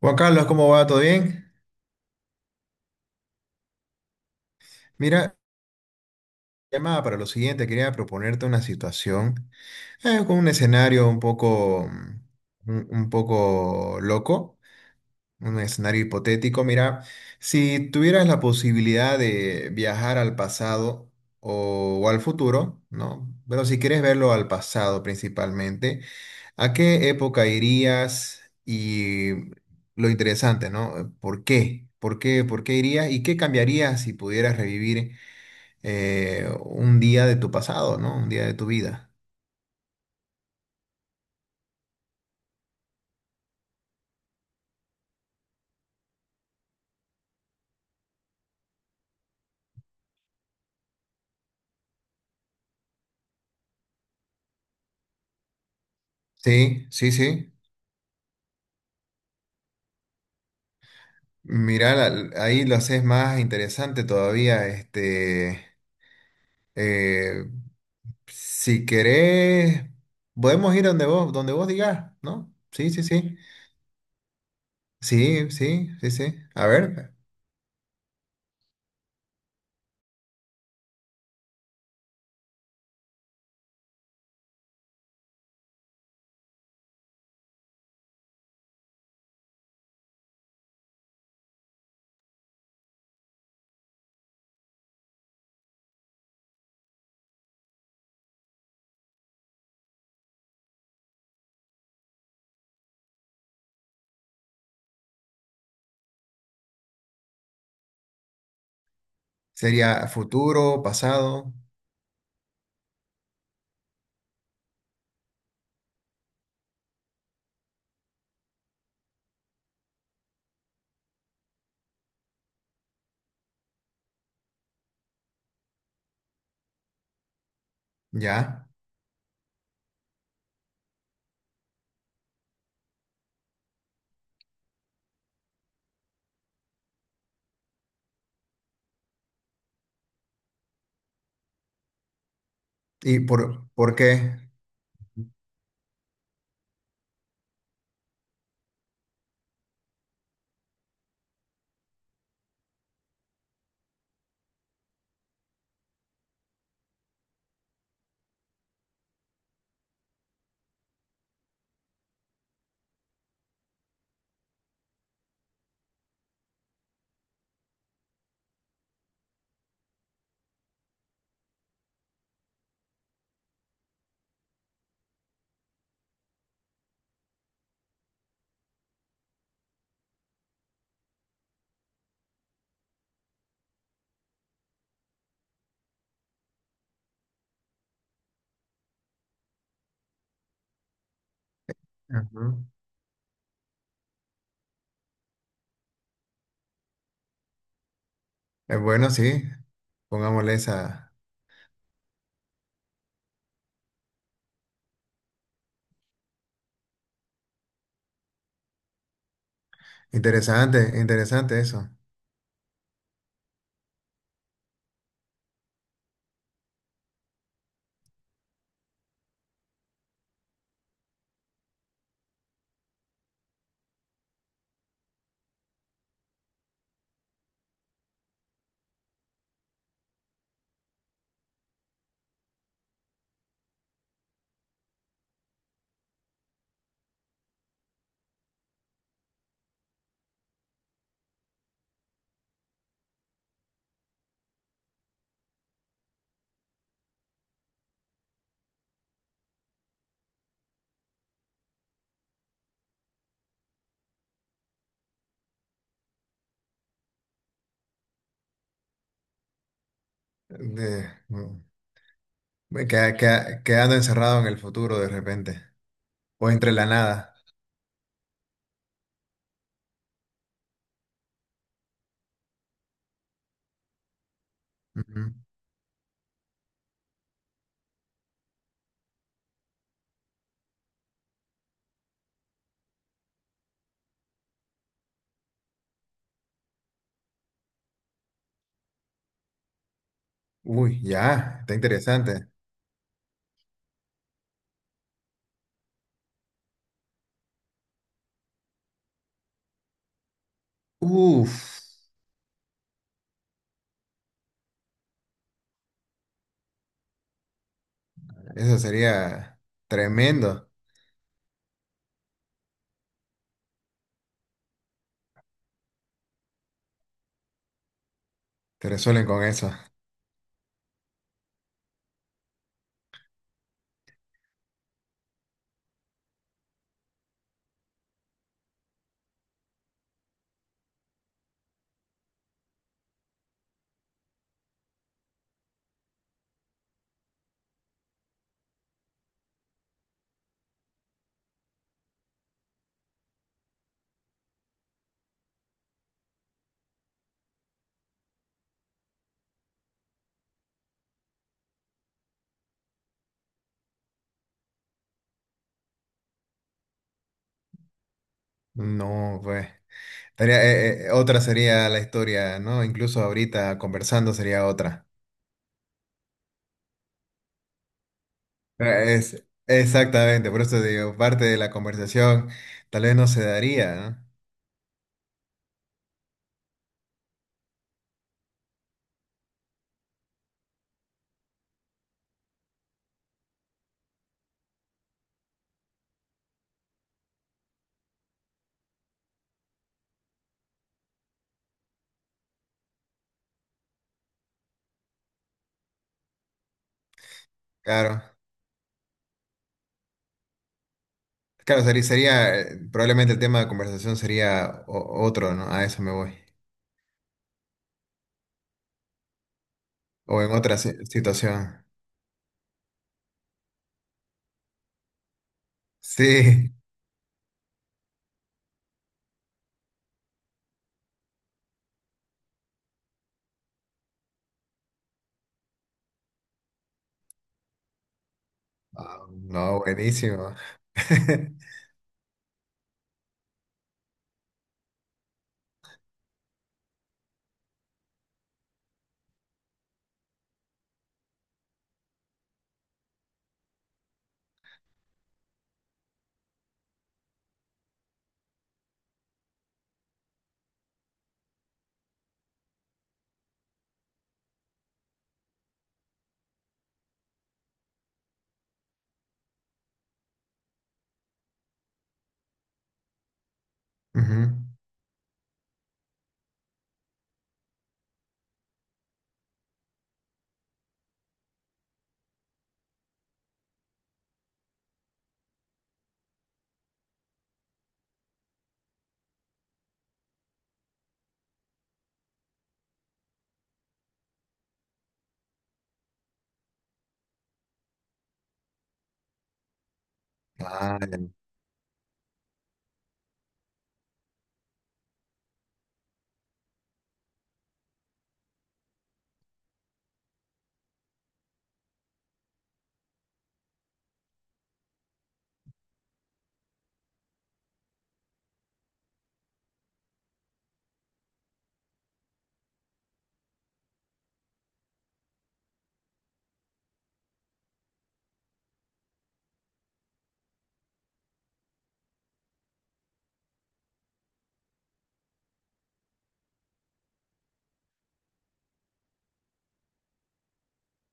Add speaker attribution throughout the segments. Speaker 1: Juan Carlos, ¿cómo va? ¿Todo bien? Mira, llamada para lo siguiente, quería proponerte una situación con un escenario un poco, un poco loco, un escenario hipotético. Mira, si tuvieras la posibilidad de viajar al pasado o al futuro, ¿no? Pero si quieres verlo al pasado principalmente, ¿a qué época irías? Y lo interesante, ¿no? ¿Por qué? ¿Por qué? ¿Por qué irías? ¿Y qué cambiarías si pudieras revivir un día de tu pasado, ¿no? Un día de tu vida. Sí, sí, sí. Mira, ahí lo haces más interesante todavía. Eh, si querés, podemos ir donde vos digas, ¿no? Sí, sí, sí. Sí, sí, sí, sí. A ver, sería futuro, pasado. Ya. ¿Y por qué? Ajá. Bueno, sí. Pongámosle esa. Interesante, interesante eso. De, mm, que- quedando encerrado en el futuro de repente. O entre la nada. Ujú. Uy, ya. Está interesante. Uf. Eso sería tremendo. Te resuelven con eso. No, pues. Otra sería la historia, ¿no? Incluso ahorita conversando sería otra. Es, exactamente, por eso digo, parte de la conversación tal vez no se daría, ¿no? Claro, claro, sería, sería, probablemente el tema de conversación sería otro, ¿no? A eso me voy. O en otra situación. Sí. Ah, no, buenísimo. Ujú. Ah, ya,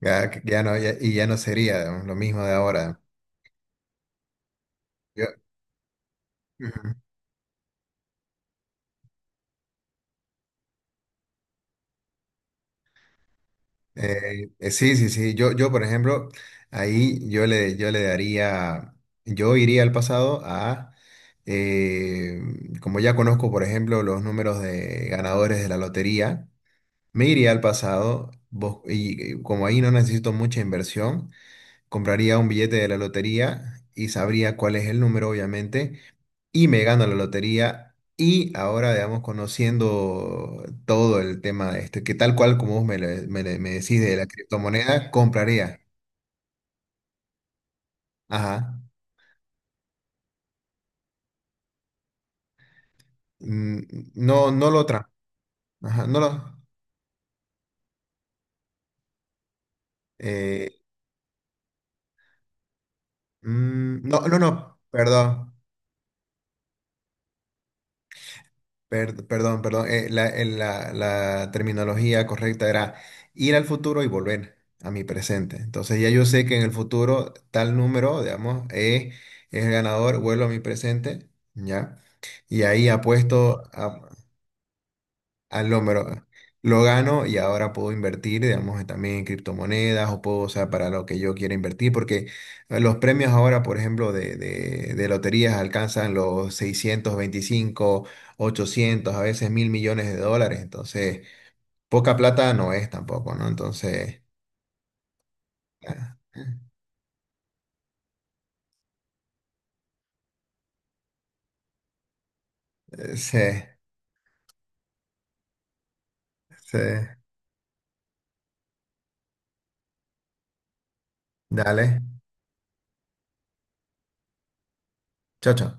Speaker 1: ya no sería, ¿no?, lo mismo de ahora. Yo- ujú. Sí, sí, sí. Yo, por ejemplo, yo le daría, yo iría al pasado a, eh, como ya conozco, por ejemplo, los números de ganadores de la lotería, me iría al pasado como ahí no necesito mucha inversión, compraría un billete de la lotería y sabría cuál es el número, obviamente, y me gano la lotería. Y ahora, digamos, conociendo todo el tema, de este, que tal cual como vos me, le- me, le- me decís de la criptomoneda, compraría. Ajá. Mm, no, no lo otra. Ajá, no lo. Eh, mm, no, no, no, perdón. Perdón, la terminología correcta era ir al futuro y volver a mi presente. Entonces ya yo sé que en el futuro tal número, digamos, es el ganador, vuelvo a mi presente, ¿ya? Y ahí apuesto, al hombro. Lo gano y ahora puedo invertir, digamos, también en criptomonedas o puedo usar para lo que yo quiera invertir, porque los premios ahora, por ejemplo, de loterías alcanzan los 625, 800, a veces $1.000.000.000. Entonces, poca plata no es tampoco, ¿no? Entonces, ah, eh, se, se, dale. Chao, chao.